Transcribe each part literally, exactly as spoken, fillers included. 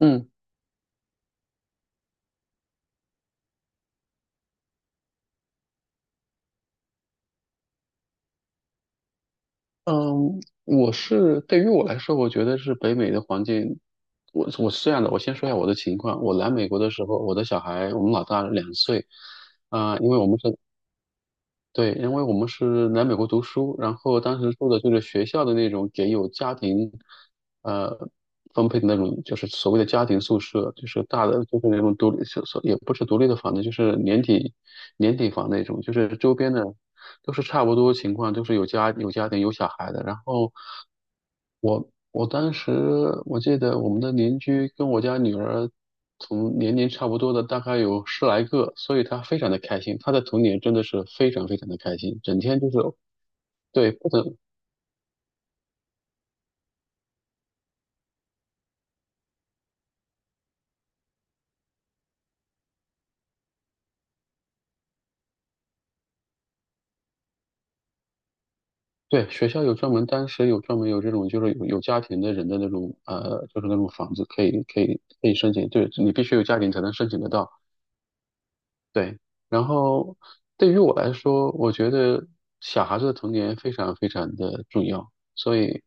嗯嗯，我是对于我来说，我觉得是北美的环境。我我是这样的，我先说一下我的情况。我来美国的时候，我的小孩我们老大两岁。啊、因为我们是对，因为我们是来美国读书，然后当时住的就是学校的那种给有家庭，呃，分配的那种，就是所谓的家庭宿舍，就是大的，就是那种独立，所所也不是独立的房子，就是年底年底房那种，就是周边的都是差不多情况，都是有家有家庭有小孩的，然后。我我当时我记得我们的邻居跟我家女儿同年龄差不多的大概有十来个，所以她非常的开心。她的童年真的是非常非常的开心，整天就是。对，不能，对，学校有专门当时有专门有这种，就是有有家庭的人的那种，呃就是那种房子可以可以可以申请，对，你必须有家庭才能申请得到。对，然后对于我来说，我觉得小孩子的童年非常非常的重要。所以，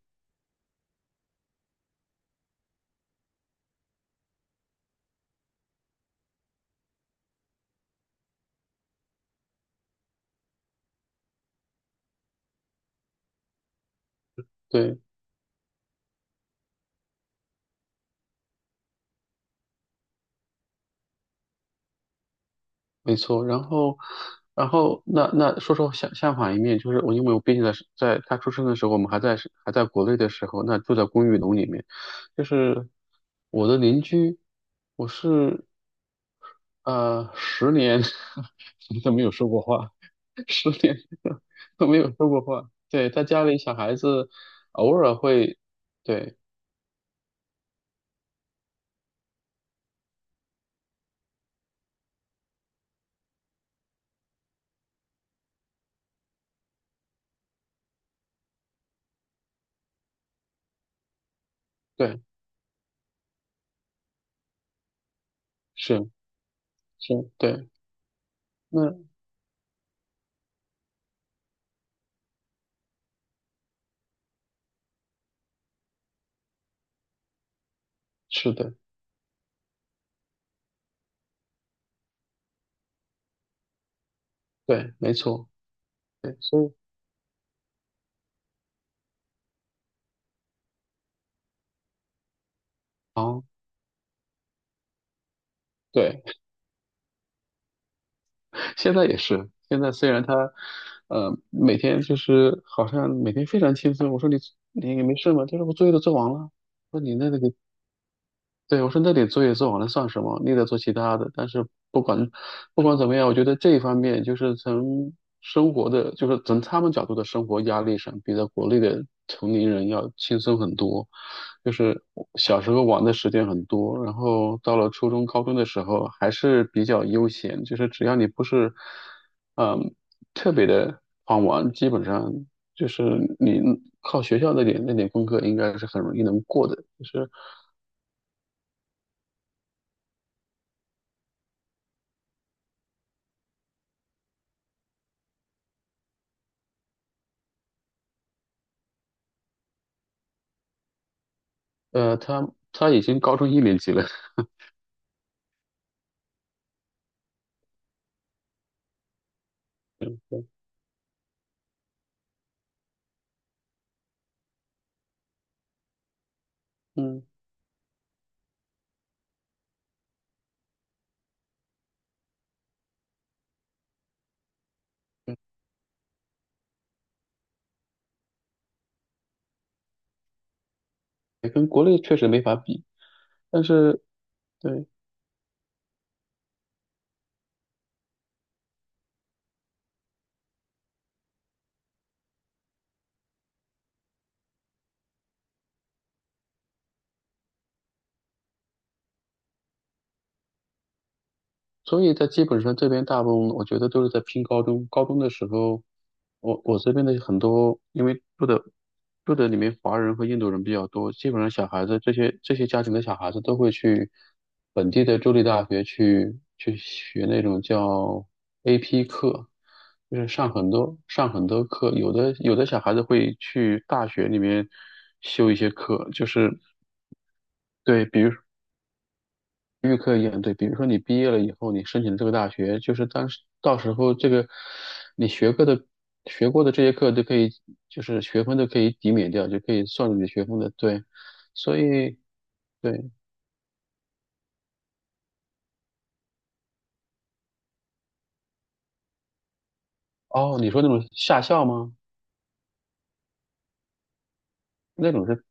对，没错，然后，然后那那说说相相反一面，就是我因为我毕竟在是在他出生的时候，我们还在是还在国内的时候，那住在公寓楼里面，就是我的邻居，我是呃十年 都没有说过话，十年 都没有说过话。对，他家里小孩子偶尔会，对对，是是，对，那是的，对，没错，对，所以好。对。现在也是，现在虽然他，呃，每天就是好像每天非常轻松。我说你你也没事吗？他说我作业都做完了。我说你那个对，我说那点作业做完了算什么？你得做其他的。但是不管不管怎么样，我觉得这一方面就是从生活的，就是从他们角度的生活压力上，比在国内的同龄人要轻松很多。就是我小时候玩的时间很多，然后到了初中、高中的时候还是比较悠闲，就是只要你不是嗯特别的狂玩，基本上就是你靠学校那点那点功课应该是很容易能过的，就是。呃，他他已经高中一年级了，嗯，嗯，跟国内确实没法比，但是对，所以在基本上这边大部分我觉得都是在拼高中。高中的时候，我我这边的很多，因为住的住的里面华人和印度人比较多，基本上小孩子这些这些家庭的小孩子都会去本地的州立大学去去学那种叫 A P 课，就是上很多上很多课。有的有的小孩子会去大学里面修一些课，就是。对，比如。预科一样，对，比如说你毕业了以后，你申请这个大学，就是当时到时候，这个你学过的学过的这些课都可以，就是学分都可以抵免掉，就可以算入你的学分的。对，所以对，哦，你说那种下校吗？那种是。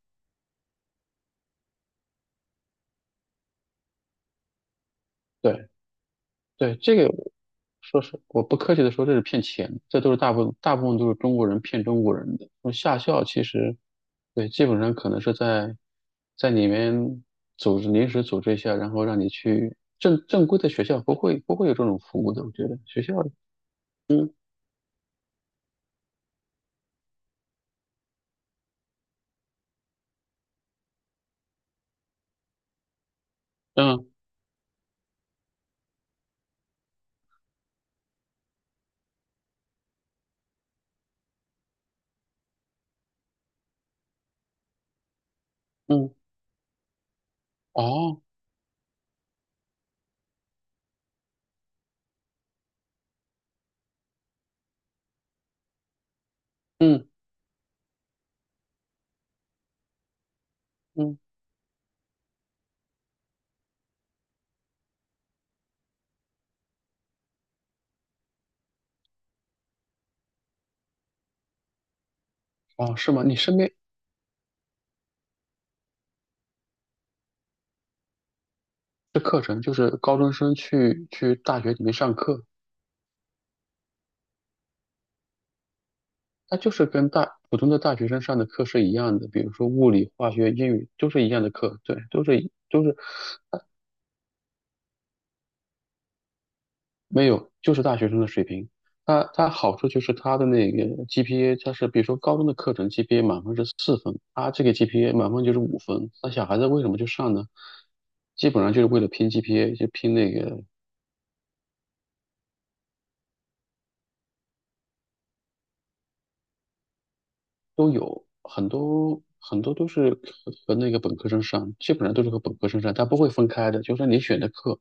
对，对，这个说实，我不客气的说，这是骗钱，这都是大部分大部分都是中国人骗中国人的。那么夏校其实，对，基本上可能是在在里面组织临时组织一下，然后让你去正正规的学校不会不会有这种服务的，我觉得学校，嗯嗯嗯，哦，嗯嗯，哦，是吗？你身边的课程就是高中生去去大学里面上课。它就是跟大普通的大学生上的课是一样的，比如说物理、化学、英语都是一样的课，对，都是一都是没有，就是大学生的水平。它它好处就是它的那个 G P A，它是比如说高中的课程 G P A 满分是四分，它这个 GPA 满分就是五分。那小孩子为什么去上呢？基本上就是为了拼 G P A，就拼那个。都有很多很多都是和和那个本科生上，基本上都是和本科生上，它不会分开的。就是说你选的课，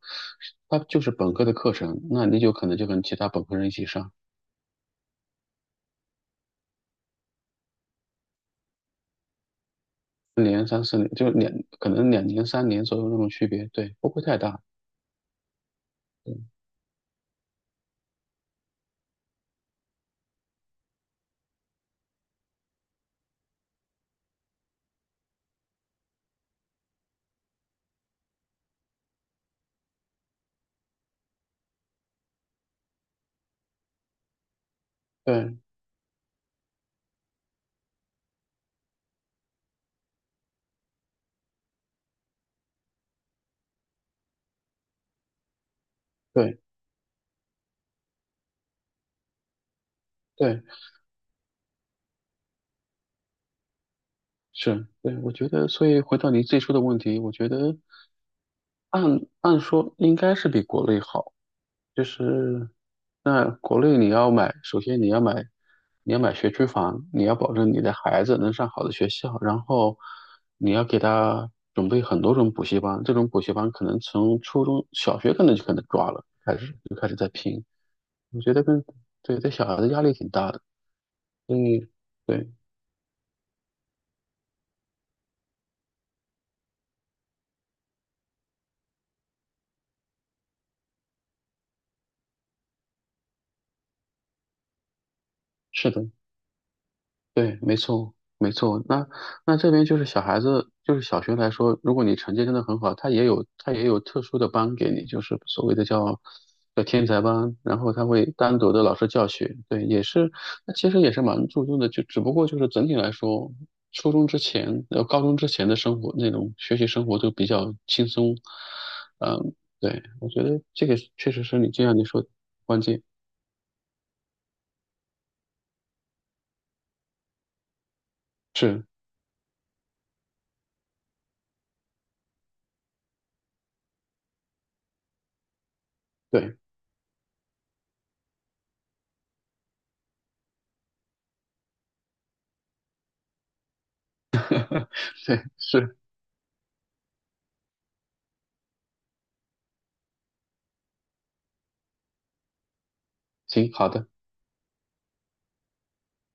它就是本科的课程，那你就可能就跟其他本科生一起上，两年、三四年，就两可能两年、三年左右那种区别，对，不会太大。对对对对，是，对，我觉得，所以回到你最初的问题，我觉得按按说应该是比国内好，就是那国内你要买，首先你要买，你要买学区房，你要保证你的孩子能上好的学校，然后你要给他准备很多种补习班，这种补习班可能从初中小学可能就可能抓了，开始就开始在拼，我觉得跟对对，小孩的压力挺大的，所以对，是的。对，没错，没错。那那这边就是小孩子，就是小学来说，如果你成绩真的很好，他也有他也有特殊的班给你，就是所谓的叫叫天才班，然后他会单独的老师教学。对，也是，那其实也是蛮注重的，就只不过就是整体来说，初中之前呃高中之前的生活，那种学习生活就比较轻松。嗯，对，我觉得这个确实是你就像你说的关键是，对 对是，行，好的。